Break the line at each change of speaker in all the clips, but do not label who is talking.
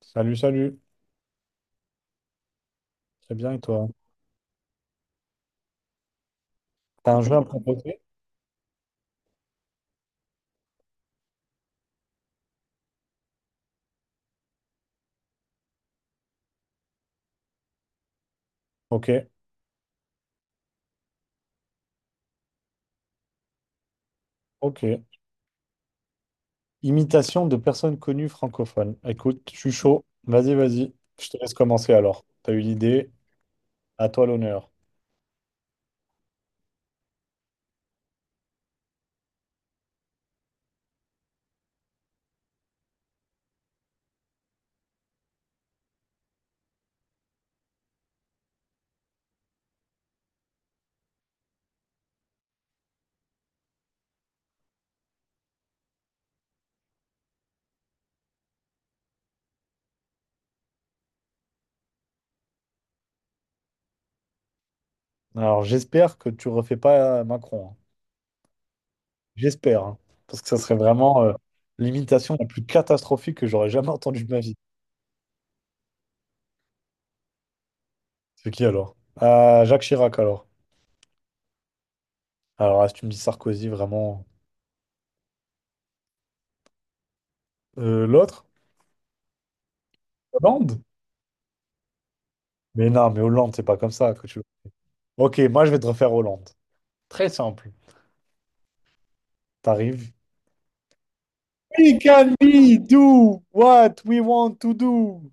Salut, salut. Très bien, et toi? T'as un jeu à me proposer? Ok, ok. Imitation de personnes connues francophones. Écoute, je suis chaud. Vas-y, vas-y. Je te laisse commencer alors. T'as eu l'idée. À toi l'honneur. Alors, j'espère que tu refais pas Macron, hein. J'espère, hein. Parce que ça serait vraiment l'imitation la plus catastrophique que j'aurais jamais entendue de ma vie. C'est qui alors? Jacques Chirac alors. Alors là, si tu me dis Sarkozy, vraiment. L'autre? Hollande? Mais non, mais Hollande, c'est pas comme ça que tu. Ok, moi je vais te refaire Hollande. Très simple. T'arrives. We can we do what we want to do.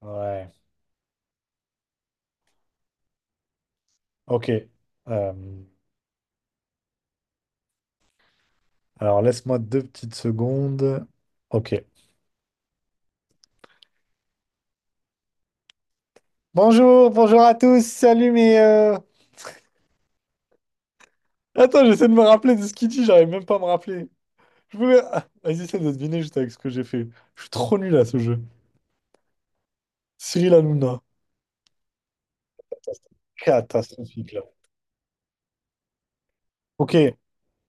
Ouais. Ok. Euh, alors laisse-moi deux petites secondes. Ok. Bonjour, bonjour à tous. Salut. Mes. Attends, j'essaie de me rappeler de ce qu'il dit. J'arrive même pas à me rappeler. Je voulais. Ah. Vas-y, essaie de deviner juste avec ce que j'ai fait. Je suis trop nul à ce jeu. Cyril Hanouna. Catastrophique là. Ok.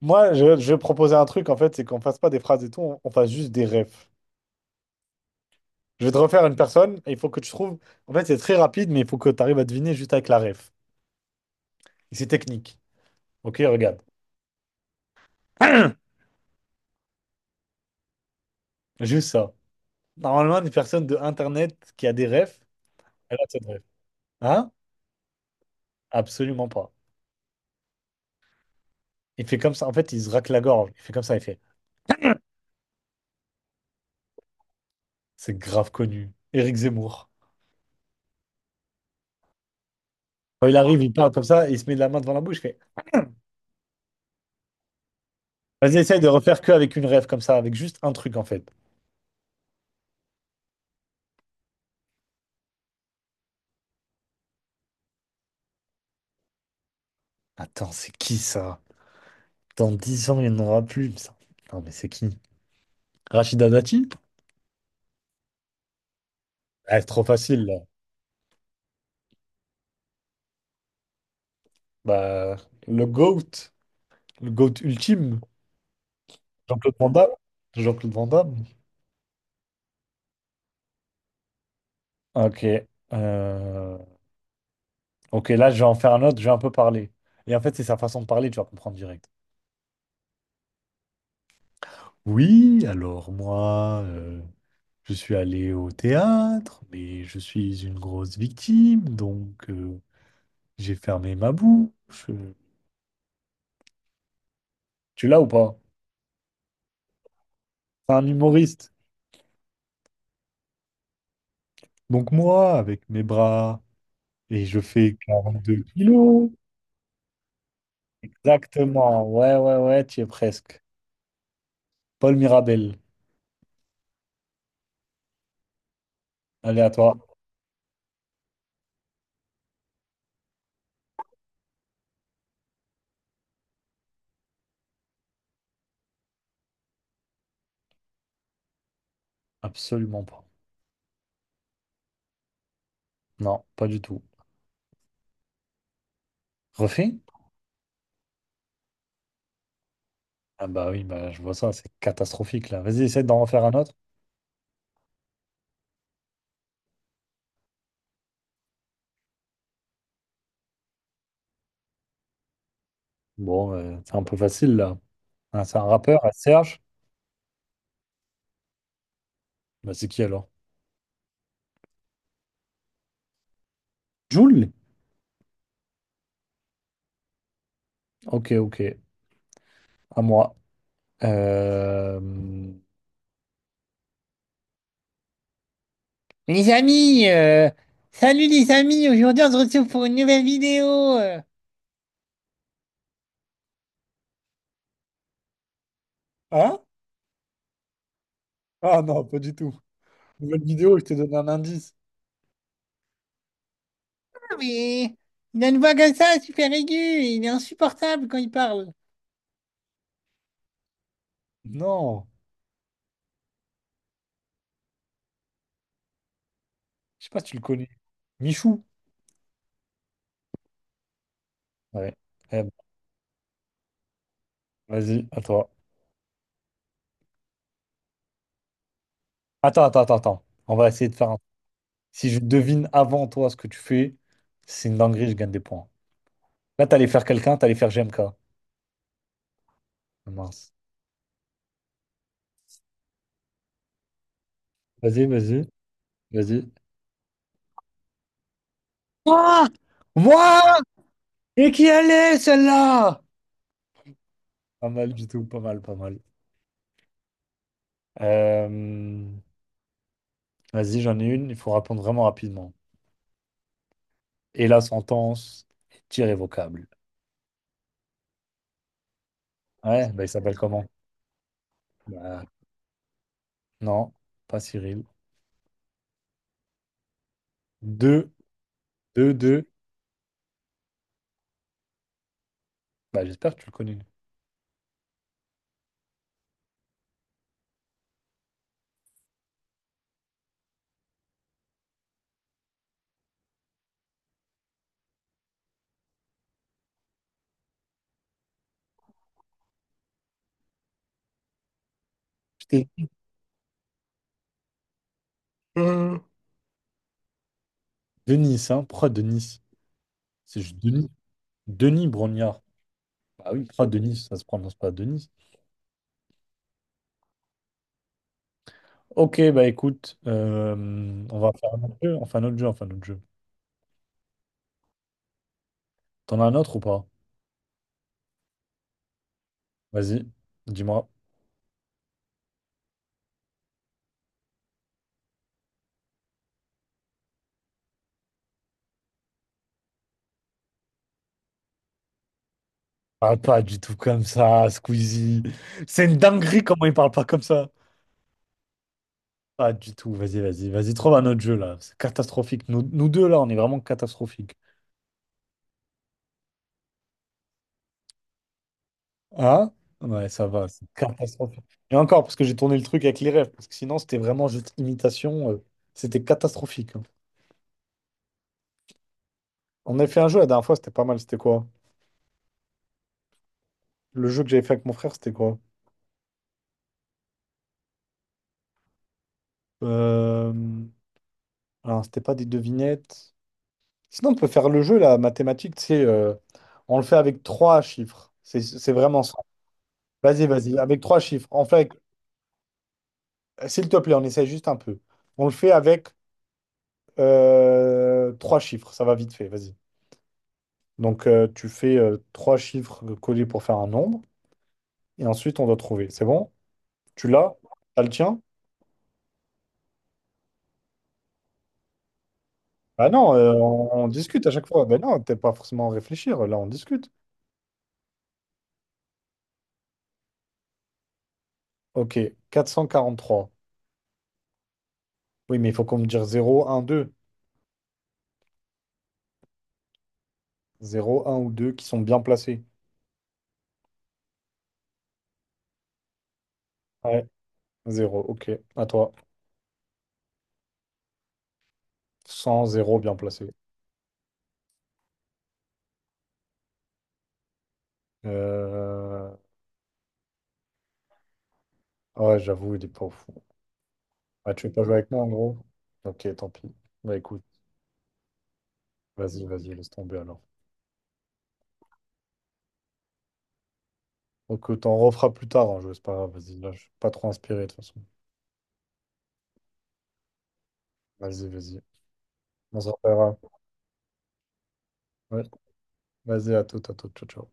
Moi, je vais proposer un truc en fait, c'est qu'on fasse pas des phrases et tout, on fasse juste des refs. Je vais te refaire une personne et il faut que tu trouves. En fait, c'est très rapide, mais il faut que tu arrives à deviner juste avec la ref. Et c'est technique. Ok, regarde. Juste ça. Normalement, une personne de Internet qui a des refs, elle a cette ref. Hein? Absolument pas. Il fait comme ça. En fait, il se racle la gorge. Il fait comme ça. Il fait. C'est grave connu. Éric Zemmour. Quand il arrive, il parle comme ça et il se met de la main devant la bouche. Il fait. Vas-y, essaye de refaire que avec une ref comme ça, avec juste un truc en fait. Attends, c'est qui ça? Dans 10 ans, il n'y en aura plus. Ça. Non, mais c'est qui? Rachida Dati? Ah, c'est trop facile là. Bah, le GOAT, le GOAT ultime, Jean-Claude Van Damme. Jean-Claude Van Damme. Ok. euh, Ok, là, je vais en faire un autre, je vais un peu parler. Et en fait, c'est sa façon de parler, tu vas comprendre direct. Oui, alors moi, je suis allé au théâtre, mais je suis une grosse victime, donc j'ai fermé ma bouche. Tu l'as ou pas? C'est un humoriste. Donc moi, avec mes bras, et je fais 42 kilos. Exactement. Ouais, ouais, ouais, tu y es presque. Paul Mirabel. Allez, à toi. Absolument pas. Non, pas du tout. Refait? Ah bah oui, bah je vois ça, c'est catastrophique là. Vas-y, essaie d'en refaire un autre. Bon, c'est un peu facile là. Ah, c'est un rappeur, ah, Serge. Bah c'est qui alors? Jul? Ok, ok. À moi. Euh, Les amis, euh, salut les amis, aujourd'hui on se retrouve pour une nouvelle vidéo. Hein? Ah non, pas du tout. Nouvelle vidéo, je t'ai donné un indice, mais il a une voix comme ça, super aiguë, et il est insupportable quand il parle. Non, je sais pas si tu le connais. Michou. Ouais. Eh ben, vas-y, à toi. Attends, attends, attends, attends. On va essayer de faire un. Si je devine avant toi ce que tu fais, c'est une dinguerie, je gagne des points. Là, t'allais faire quelqu'un, t'allais faire GMK. Ah, mince. Vas-y, vas-y, vas-y. Moi! Moi! Et qui allait, celle-là? Pas mal du tout, pas mal, pas mal. Euh, Vas-y, j'en ai une, il faut répondre vraiment rapidement. Et la sentence est irrévocable. Ouais, bah, il s'appelle comment? Bah, non, pas Cyril. Deux, deux, deux. Bah, j'espère que tu le connais. Putain. Euh, Denis, hein? Pourquoi Denis? C'est juste Denis. Denis Brognard. Bah oui, pourquoi Denis? Ça se prononce pas Denis. Ok, bah écoute, on va faire un autre jeu. On fait un autre jeu, on fait un autre jeu. T'en as un autre ou pas? Vas-y, dis-moi. Parle pas du tout comme ça, Squeezie. C'est une dinguerie comment il parle pas comme ça. Pas du tout. Vas-y, vas-y, vas-y, trouve un autre jeu là. C'est catastrophique. Nous, nous deux là, on est vraiment catastrophique. Hein? Ouais, ça va, c'est catastrophique. Et encore, parce que j'ai tourné le truc avec les rêves, parce que sinon c'était vraiment juste imitation. C'était catastrophique, hein. On avait fait un jeu la dernière fois, c'était pas mal. C'était quoi? Le jeu que j'avais fait avec mon frère, c'était quoi? Euh... Alors, c'était pas des devinettes. Sinon, on peut faire le jeu là, mathématique, tu sais, on le fait avec trois chiffres. C'est vraiment ça. Vas-y, vas-y, avec trois chiffres. On fait avec. S'il te plaît, on essaie juste un peu. On le fait avec trois chiffres, ça va vite fait, vas-y. Donc tu fais trois chiffres collés pour faire un nombre, et ensuite on doit trouver. C'est bon? Tu l'as? T'as le tien? Bah non, on discute à chaque fois. Ben non, t'es pas forcément à réfléchir, là on discute. Ok, 443. Oui, mais il faut qu'on me dise zéro, un, deux, zéro, un ou 2 qui sont bien placés. Ouais. 0, ok, à toi. 100 zéro bien placé. Euh, Ouais, j'avoue, il est pas fou. Ah, tu veux pas jouer avec moi en gros? Ok, tant pis. Bah écoute, vas-y, vas-y, laisse tomber alors. Ok, t'en refera plus tard, hein, je c'est pas grave, vas-y, là, je suis pas trop inspiré de toute façon. Vas-y, vas-y, on se rappellera. Ouais. Vas-y, à tout, ciao, ciao.